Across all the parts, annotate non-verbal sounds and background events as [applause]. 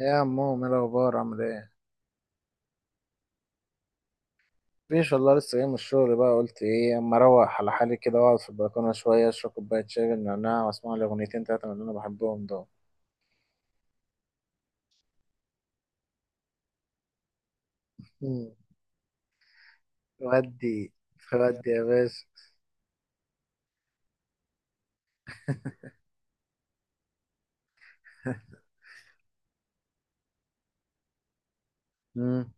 إيه يا عمو؟ ايه الاخبار؟ عامل ايه؟ مفيش والله، لسه جاي من الشغل، بقى قلت ايه اما اروح على حالي كده واقعد في البلكونه شويه اشرب كوبايه شاي بالنعناع واسمع لي اغنيتين تلاته من اللي انا بحبهم دول. مم. ودي ودي يا باشا. [laughs] مم.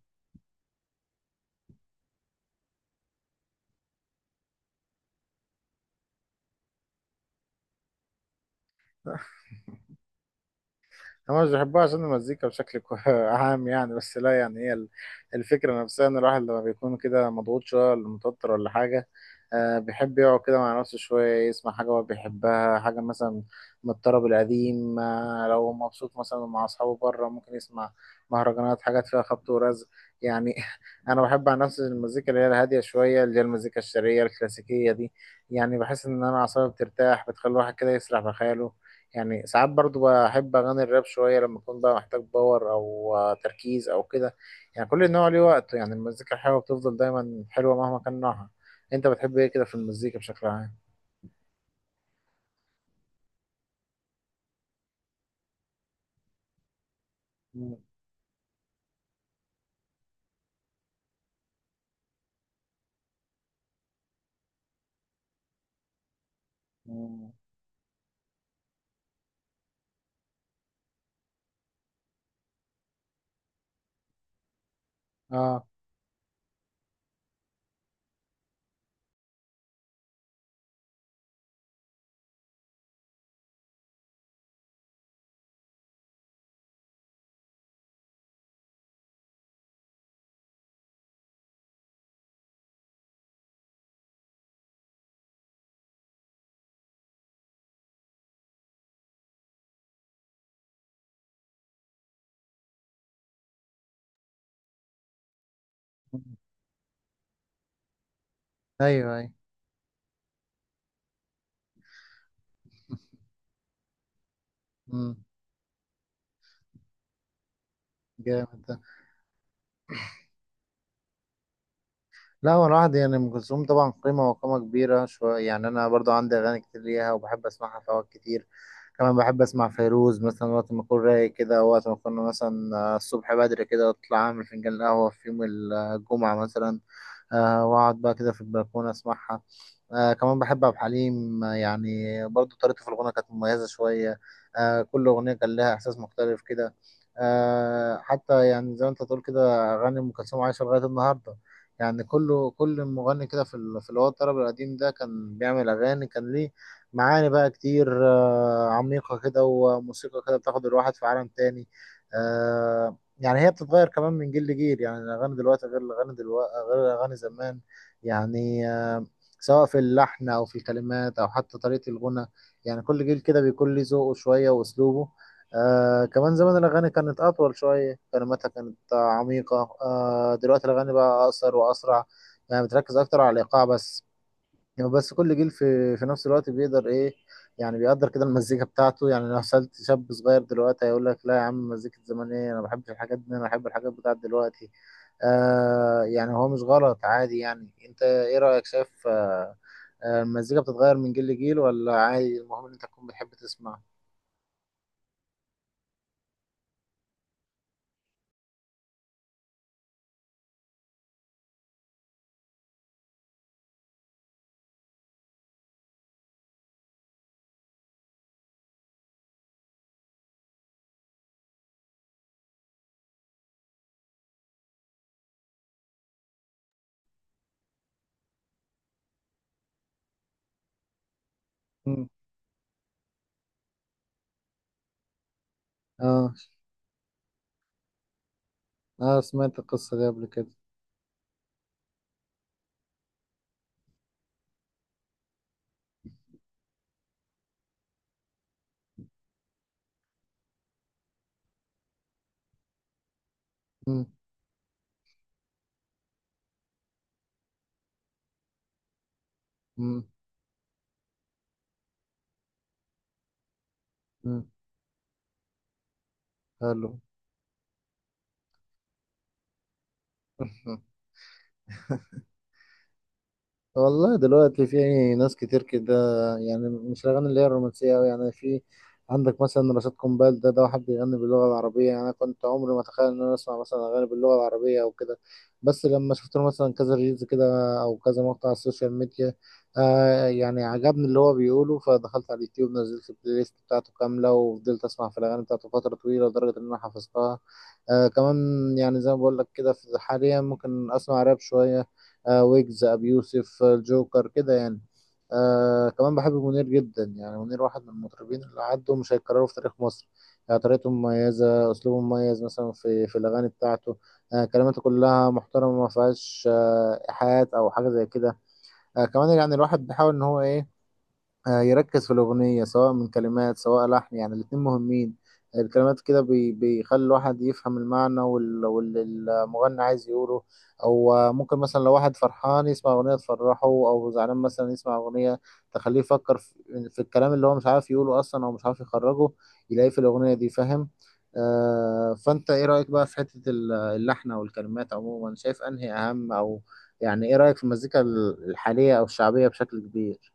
هما مش بيحبوها عشان المزيكا بشكل [laughs] عام يعني، بس لا يعني هي الفكرة نفسها، إن الواحد لما بيكون كده مضغوط شوية ولا متوتر ولا حاجة. بيحب يقعد كده مع نفسه شوية يسمع حاجة هو بيحبها، حاجة مثلا من الطرب القديم. لو مبسوط مثلا مع أصحابه بره ممكن يسمع مهرجانات، حاجات فيها خبط ورزق يعني. [laughs] أنا بحب عن نفسي المزيكا اللي هي الهادية شوية، اللي هي المزيكا الشرقية الكلاسيكية دي. يعني بحس إن أنا أعصابي بترتاح، بتخلي الواحد كده يسرح بخياله. يعني ساعات برضو بحب اغاني الراب شويه لما اكون بقى محتاج باور او تركيز او كده. يعني كل نوع ليه وقته، يعني المزيكا الحلوه بتفضل دايما حلوه مهما كان نوعها. انت بتحب ايه كده في المزيكا بشكل عام؟ مم. مم. اه. مم. ايوه، ايوه. مم. جامد ده. لا هو الواحد يعني ام كلثوم طبعا قيمه وقامه كبيره شويه، يعني انا برضو عندي اغاني كتير ليها وبحب اسمعها في اوقات كتير. كمان بحب اسمع فيروز مثلا وقت ما اكون رايق كده، وقت ما اكون مثلا الصبح بدري كده اطلع اعمل فنجان قهوه في يوم الجمعه مثلا. واقعد بقى كده في البلكونه اسمعها. آه كمان بحب عبد الحليم، يعني برضو طريقته في الغنى كانت مميزه شويه. آه كل اغنيه كان لها احساس مختلف كده. آه حتى يعني زي ما انت تقول كده، اغاني ام كلثوم عايشه لغايه النهارده. يعني كله، كل مغني كده في في اللي هو الطرب القديم ده كان بيعمل اغاني كان ليه معاني بقى كتير، آه عميقه كده، وموسيقى كده بتاخد الواحد في عالم تاني. آه يعني هي بتتغير كمان من جيل لجيل. يعني الأغاني دلوقتي غير الأغاني زمان، يعني سواء في اللحن أو في الكلمات أو حتى طريقة الغنى. يعني كل جيل كده بيكون ليه ذوقه شوية وأسلوبه. آه كمان زمان الأغاني كانت أطول شوية، كلماتها كانت عميقة، آه دلوقتي الأغاني بقى أقصر وأسرع، يعني بتركز أكتر على الإيقاع بس. يعني بس كل جيل في نفس الوقت بيقدر ايه يعني، بيقدر كده المزيكا بتاعته. يعني لو سألت شاب صغير دلوقتي هيقول لك لا يا عم، مزيكة زمان ايه؟ انا ما بحبش الحاجات دي، انا بحب الحاجات بتاعت دلوقتي. آه يعني هو مش غلط، عادي. يعني انت ايه رأيك؟ شايف آه المزيكا بتتغير من جيل لجيل ولا عادي؟ المهم ان انت تكون بتحب تسمع. مم. اه. اه سمعت القصة دي قبل كده. مم. مم. مم. حلو. [laughs] والله دلوقتي في ناس كتير كده، يعني مش الأغاني اللي هي الرومانسية أوي يعني. في عندك مثلا رشاد قنبال، ده واحد بيغني باللغة العربية. يعني أنا كنت عمري ما أتخيل إن أنا أسمع مثلا أغاني باللغة العربية أو كده، بس لما شفت له مثلا كذا ريلز كده، أو كذا مقطع على السوشيال ميديا، آه يعني عجبني اللي هو بيقوله، فدخلت على اليوتيوب نزلت البلاي ليست بتاعته كاملة وفضلت أسمع في الأغاني بتاعته فترة طويلة لدرجة إن أنا حفظتها. آه كمان يعني زي ما بقول لك كده، حاليا ممكن أسمع راب شوية، آه ويجز، ابي يوسف، الجوكر كده يعني. آه كمان بحب منير جدا، يعني منير واحد من المطربين اللي عدوا، مش هيتكرروا في تاريخ مصر. يعني طريقته مميزة، أسلوبه مميز مثلا في الأغاني بتاعته. آه كلماته كلها محترمة، ما فيهاش آه إيحاءات أو حاجة زي كده. آه كمان يعني الواحد بيحاول إن هو إيه، يركز في الأغنية سواء من كلمات سواء لحن، يعني الاتنين مهمين. الكلمات كده بيخلي الواحد يفهم المعنى واللي المغني عايز يقوله. أو ممكن مثلا لو واحد فرحان يسمع أغنية تفرحه، أو زعلان مثلا يسمع أغنية تخليه يفكر في الكلام اللي هو مش عارف يقوله أصلا، أو مش عارف يخرجه يلاقيه في الأغنية دي، فاهم؟ آه فأنت إيه رأيك بقى في حتة اللحن أو الكلمات عموما؟ شايف أنهي أهم؟ أو يعني إيه رأيك في المزيكا الحالية أو الشعبية بشكل كبير؟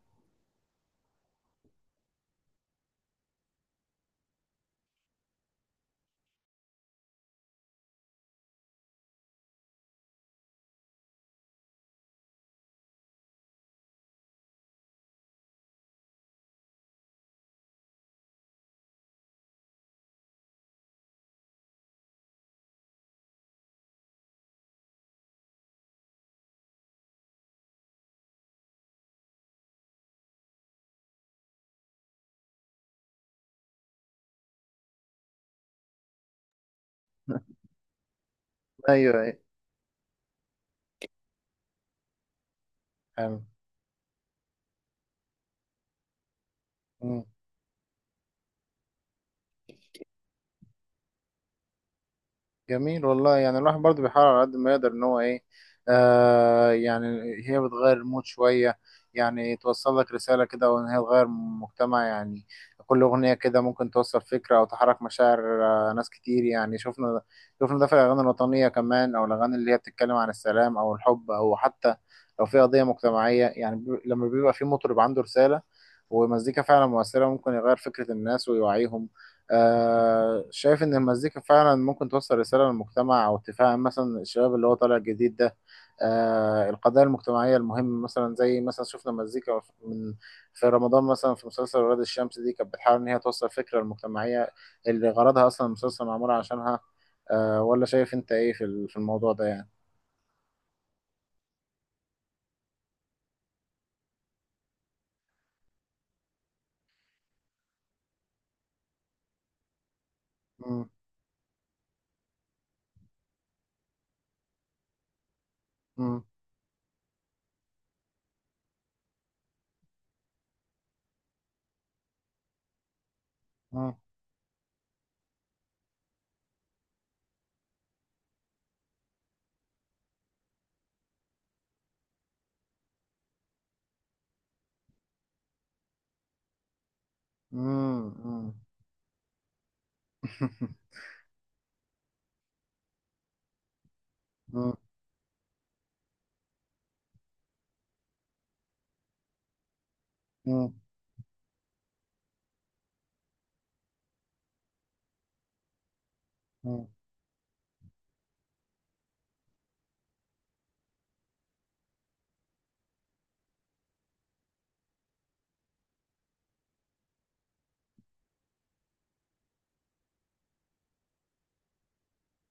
[laughs] ايوه. حلو. مم. جميل والله، يعني الواحد برضه بيحاول على قد ما يقدر ان هو ايه، آه يعني هي بتغير المود شوية، يعني توصل لك رسالة كده، وان هي تغير مجتمع يعني. كل أغنية كده ممكن توصل فكرة أو تحرك مشاعر. آه ناس كتير، يعني شفنا ده في الأغاني الوطنية كمان، أو الأغاني اللي هي بتتكلم عن السلام أو الحب، أو حتى لو في قضية مجتمعية، يعني لما بيبقى في مطرب عنده رسالة ومزيكا فعلا مؤثرة ممكن يغير فكرة الناس ويوعيهم. آه شايف إن المزيكا فعلا ممكن توصل رسالة للمجتمع أو تفهم مثلا الشباب اللي هو طالع جديد ده، آه القضايا المجتمعية المهمة مثلا؟ زي مثلا شفنا مزيكا من، في رمضان مثلا في مسلسل ولاد الشمس دي، كانت بتحاول إن هي توصل فكرة المجتمعية اللي غرضها أصلا المسلسل معمول عشانها. آه ولا شايف أنت إيه في في الموضوع ده يعني؟ مم، مم، مم، مم، مم. [laughs] مم. مم. مم.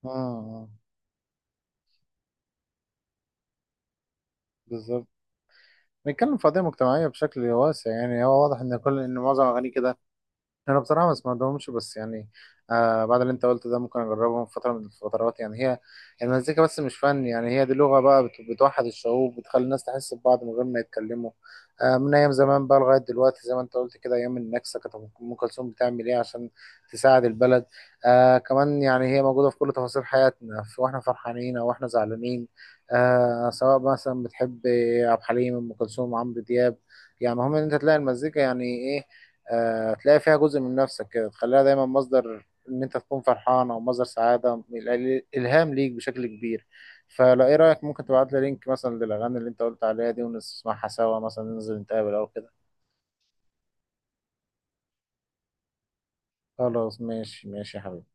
مم. بالظبط. بيتكلم في قضية مجتمعية بشكل واسع، يعني هو واضح ان معظم اغانيه كده. انا بصراحه ما سمعتهمش، بس يعني آه بعد اللي انت قلته ده ممكن اجربهم في فتره من الفترات. يعني هي المزيكا بس مش فن، يعني هي دي لغه بقى بتوحد الشعوب، بتخلي الناس تحس ببعض من غير ما يتكلموا. آه من ايام زمان بقى لغايه دلوقتي، زي ما انت قلت كده، ايام النكسه كانت ام كلثوم بتعمل ايه عشان تساعد البلد. آه كمان يعني هي موجوده في كل تفاصيل حياتنا، في واحنا فرحانين او واحنا زعلانين. آه سواء مثلا بتحب عبد الحليم، ام كلثوم، عمرو دياب، يعني مهم ان انت تلاقي المزيكا يعني ايه، تلاقي فيها جزء من نفسك كده، تخليها دايما مصدر ان انت تكون فرحان، او مصدر سعاده الهام ليك بشكل كبير. فلا ايه رايك ممكن تبعت لي لينك مثلا للاغاني اللي انت قلت عليها دي ونسمعها سوا؟ مثلا ننزل نتقابل او كده. خلاص ماشي، ماشي يا حبيبي.